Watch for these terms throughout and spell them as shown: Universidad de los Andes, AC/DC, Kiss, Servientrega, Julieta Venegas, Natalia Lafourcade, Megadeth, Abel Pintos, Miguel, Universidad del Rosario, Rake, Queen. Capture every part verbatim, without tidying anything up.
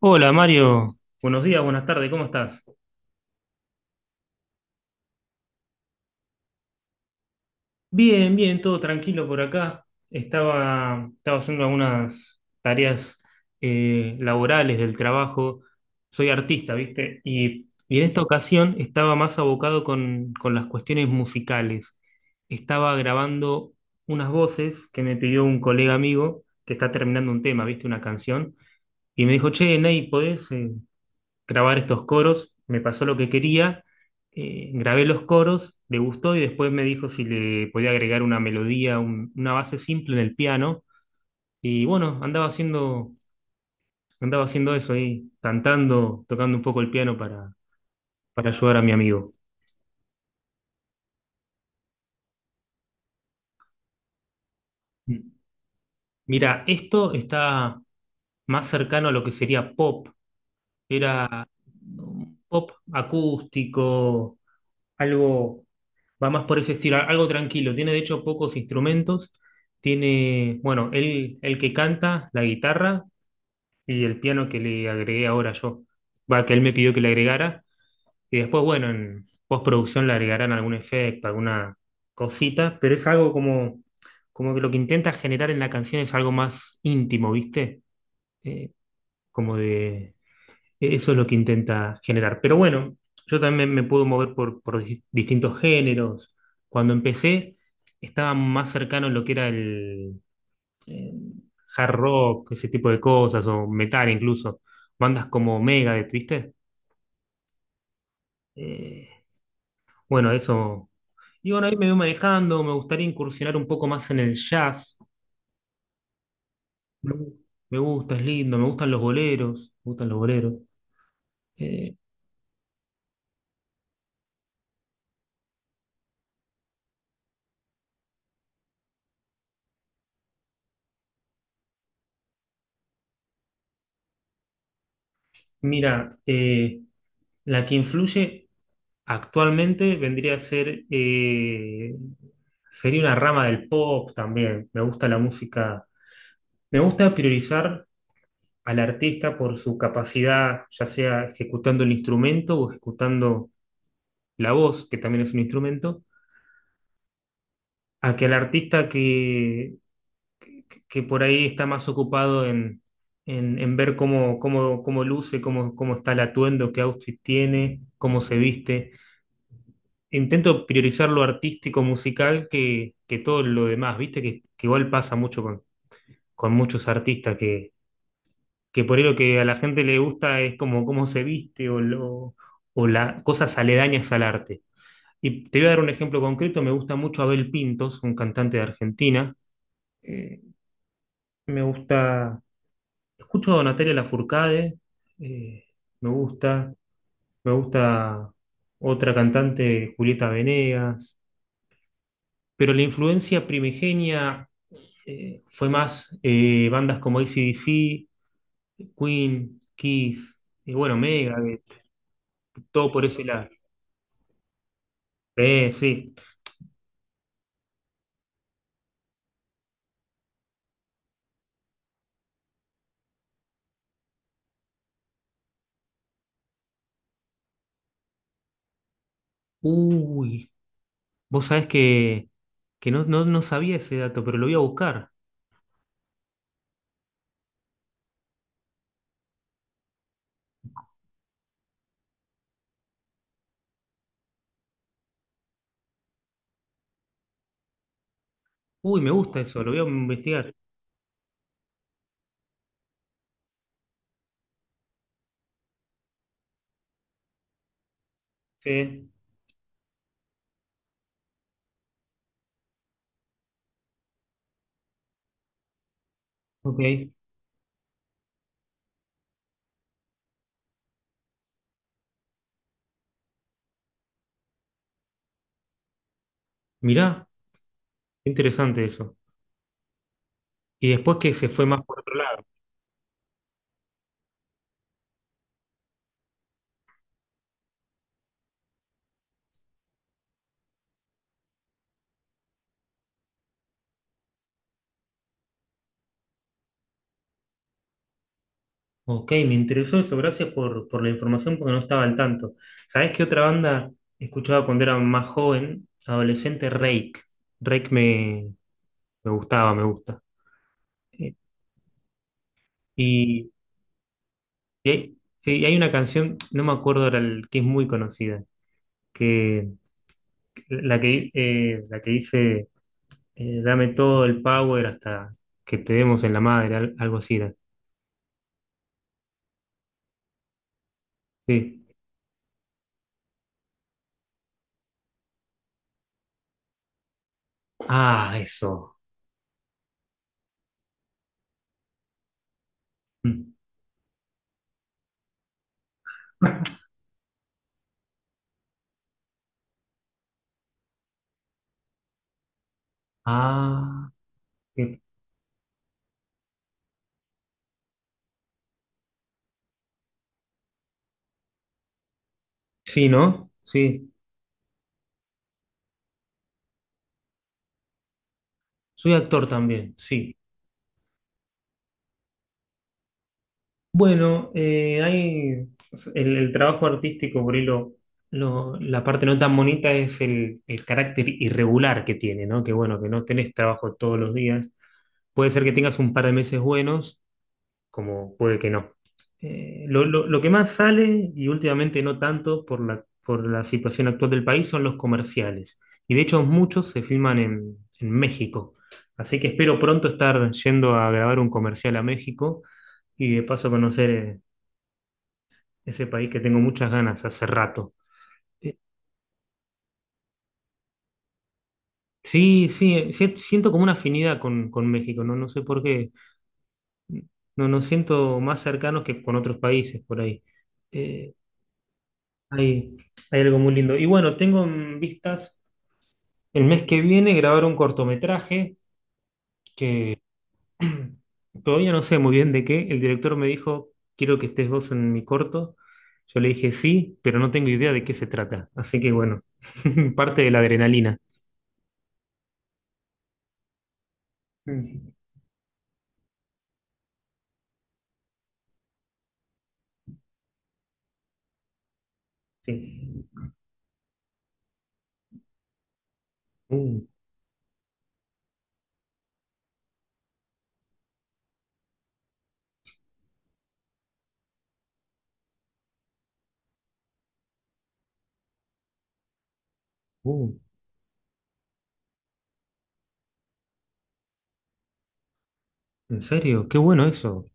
Hola Mario, buenos días, buenas tardes, ¿cómo estás? Bien, bien, todo tranquilo por acá. Estaba, estaba haciendo algunas tareas eh, laborales del trabajo. Soy artista, ¿viste? Y, y en esta ocasión estaba más abocado con, con las cuestiones musicales. Estaba grabando unas voces que me pidió un colega amigo que está terminando un tema, ¿viste? Una canción. Y me dijo, che, Ney, ¿podés, eh, grabar estos coros, me pasó lo que quería, eh, grabé los coros, le gustó y después me dijo si le podía agregar una melodía, un- una base simple en el piano. Y bueno, andaba haciendo, andaba haciendo eso ahí, cantando, tocando un poco el piano para, para ayudar a mi amigo. Mira, esto está más cercano a lo que sería pop, era un pop acústico, algo va más por ese estilo, algo tranquilo. Tiene de hecho pocos instrumentos. Tiene, bueno, él, el que canta, la guitarra y el piano que le agregué ahora yo. Va, que él me pidió que le agregara. Y después, bueno, en postproducción le agregarán algún efecto, alguna cosita, pero es algo como, como que lo que intenta generar en la canción es algo más íntimo, ¿viste? Eh, como de e- eso es lo que intenta generar. Pero bueno, yo también me puedo mover por, por dis- distintos géneros. Cuando empecé, estaba más cercano a lo que era el, eh, hard rock, ese tipo de cosas, o metal incluso. Bandas como Megadeth, ¿viste? Eh, bueno, eso. Y bueno, ahí me voy manejando. Me gustaría incursionar un poco más en el jazz. Me, gu- me gusta, es lindo. Me gustan los boleros. Me gustan los boleros. Eh, mira, eh, la que influye. Actualmente vendría a ser, eh, sería una rama del pop también. Me gusta la música. Me gusta priorizar al artista por su capacidad, ya sea ejecutando el instrumento o ejecutando la voz, que también es un instrumento, a que al artista que, que, que por ahí está más ocupado en, en, en ver cómo, cómo, cómo luce, cómo, cómo está el atuendo, qué outfit tiene, cómo se viste. Intento priorizar lo artístico musical que, que todo lo demás, ¿viste? Que, que igual pasa mucho con, con muchos artistas, que, que por ahí lo que a la gente le gusta es como cómo se viste o, lo, o la, cosas aledañas al arte. Y te voy a dar un ejemplo concreto, me gusta mucho Abel Pintos, un cantante de Argentina. Eh, me gusta, escucho a Natalia Lafourcade, eh, me gusta, me gusta otra cantante, Julieta Venegas, pero la influencia primigenia eh, fue más eh, bandas como A C/D C, Queen, Kiss, y bueno, Megadeth, todo por ese lado. Eh, sí. Uy, vos sabés que, que no, no, no sabía ese dato, pero lo voy a buscar. Uy, me gusta eso, lo voy a investigar. Sí, ok. Mirá, qué interesante eso. Y después que se fue más por otro lado. Ok, me interesó eso, gracias por, por la información porque no estaba al tanto. ¿Sabés qué otra banda escuchaba cuando era más joven? Adolescente, Rake. Rake me, Me gustaba, me gusta. Eh, Y, y hay, sí, y hay una canción, no me acuerdo ahora, el- que es muy conocida, que la que, eh, la que dice, eh, dame todo el power hasta que te demos en la madre, al- algo así era. Sí. Ah, eso. Mm. Ah, eh, sí, ¿no? Sí. Soy actor también, sí. Bueno, eh, hay el, el trabajo artístico, por ahí lo- lo- la parte no tan bonita es el, el carácter irregular que tiene, ¿no? Que bueno, que no tenés trabajo todos los días. Puede ser que tengas un par de meses buenos, como puede que no. Eh, lo, lo- lo que más sale, y últimamente no tanto por la, por la situación actual del país, son los comerciales. Y de hecho muchos se filman en, en México. Así que espero pronto estar yendo a grabar un comercial a México y de paso conocer... eh, ese país que tengo muchas ganas hace rato. Eh, Sí, sí, sí, siento como una afinidad con, con México, no, no sé por qué, no nos siento más cercanos que con otros países por ahí. Eh, hay, hay algo muy lindo. Y bueno, tengo en vistas el mes que viene grabar un cortometraje que todavía no sé muy bien de qué. El director me dijo, quiero que estés vos en mi corto. Yo le dije sí, pero no tengo idea de qué se trata. Así que bueno, parte de la adrenalina. Mm, sí. Uh, ¿en serio? Qué bueno eso.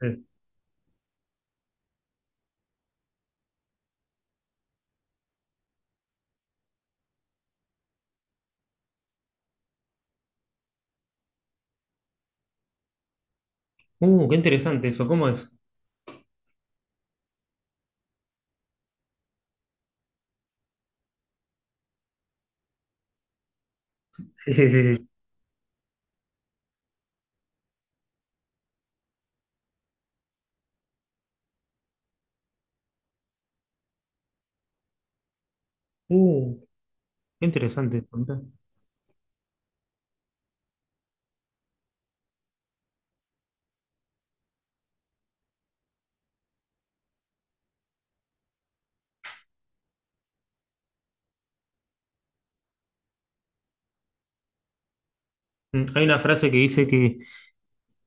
Eh, Uh, qué interesante eso. ¿Cómo es? Sí, sí, sí, sí. Uh, qué interesante eso, mirá. Mm, hay una frase que dice que,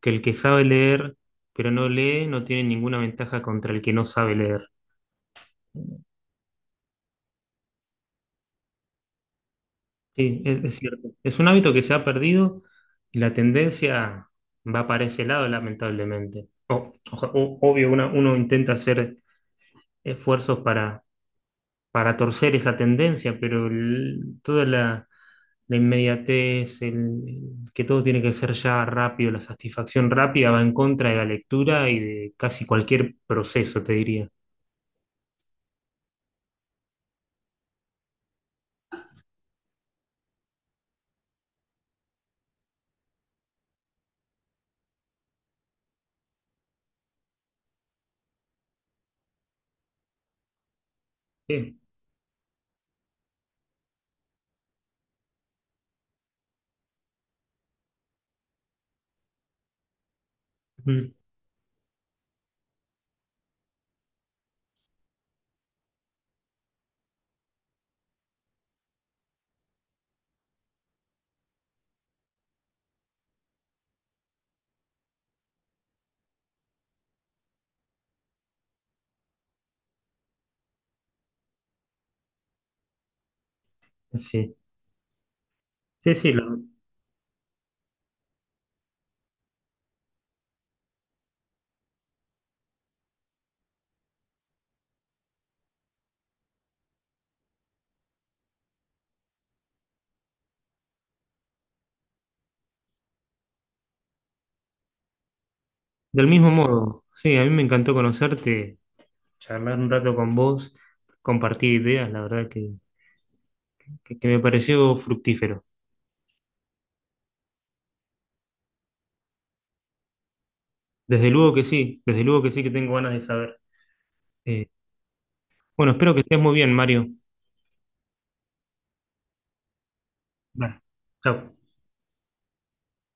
que el que sabe leer pero no lee no tiene ninguna ventaja contra el que no sabe leer. Sí, es, es cierto. Es un hábito que se ha perdido y la tendencia va para ese lado, lamentablemente. O- oja- o- obvio, una- uno intenta hacer esfuerzos para, para torcer esa tendencia, pero el- toda la, la inmediatez, el, que todo tiene que ser ya rápido, la satisfacción rápida va en contra de la lectura y de casi cualquier proceso, te diría. Sí, mm, sí, sí, sí, lo- del mismo modo. Sí, a mí me encantó conocerte, charlar un rato con vos, compartir ideas, la verdad que, que, que me pareció fructífero. Desde luego que sí, desde luego que sí que tengo ganas de saber. Eh, bueno, espero que estés muy bien, Mario. Dale, chao.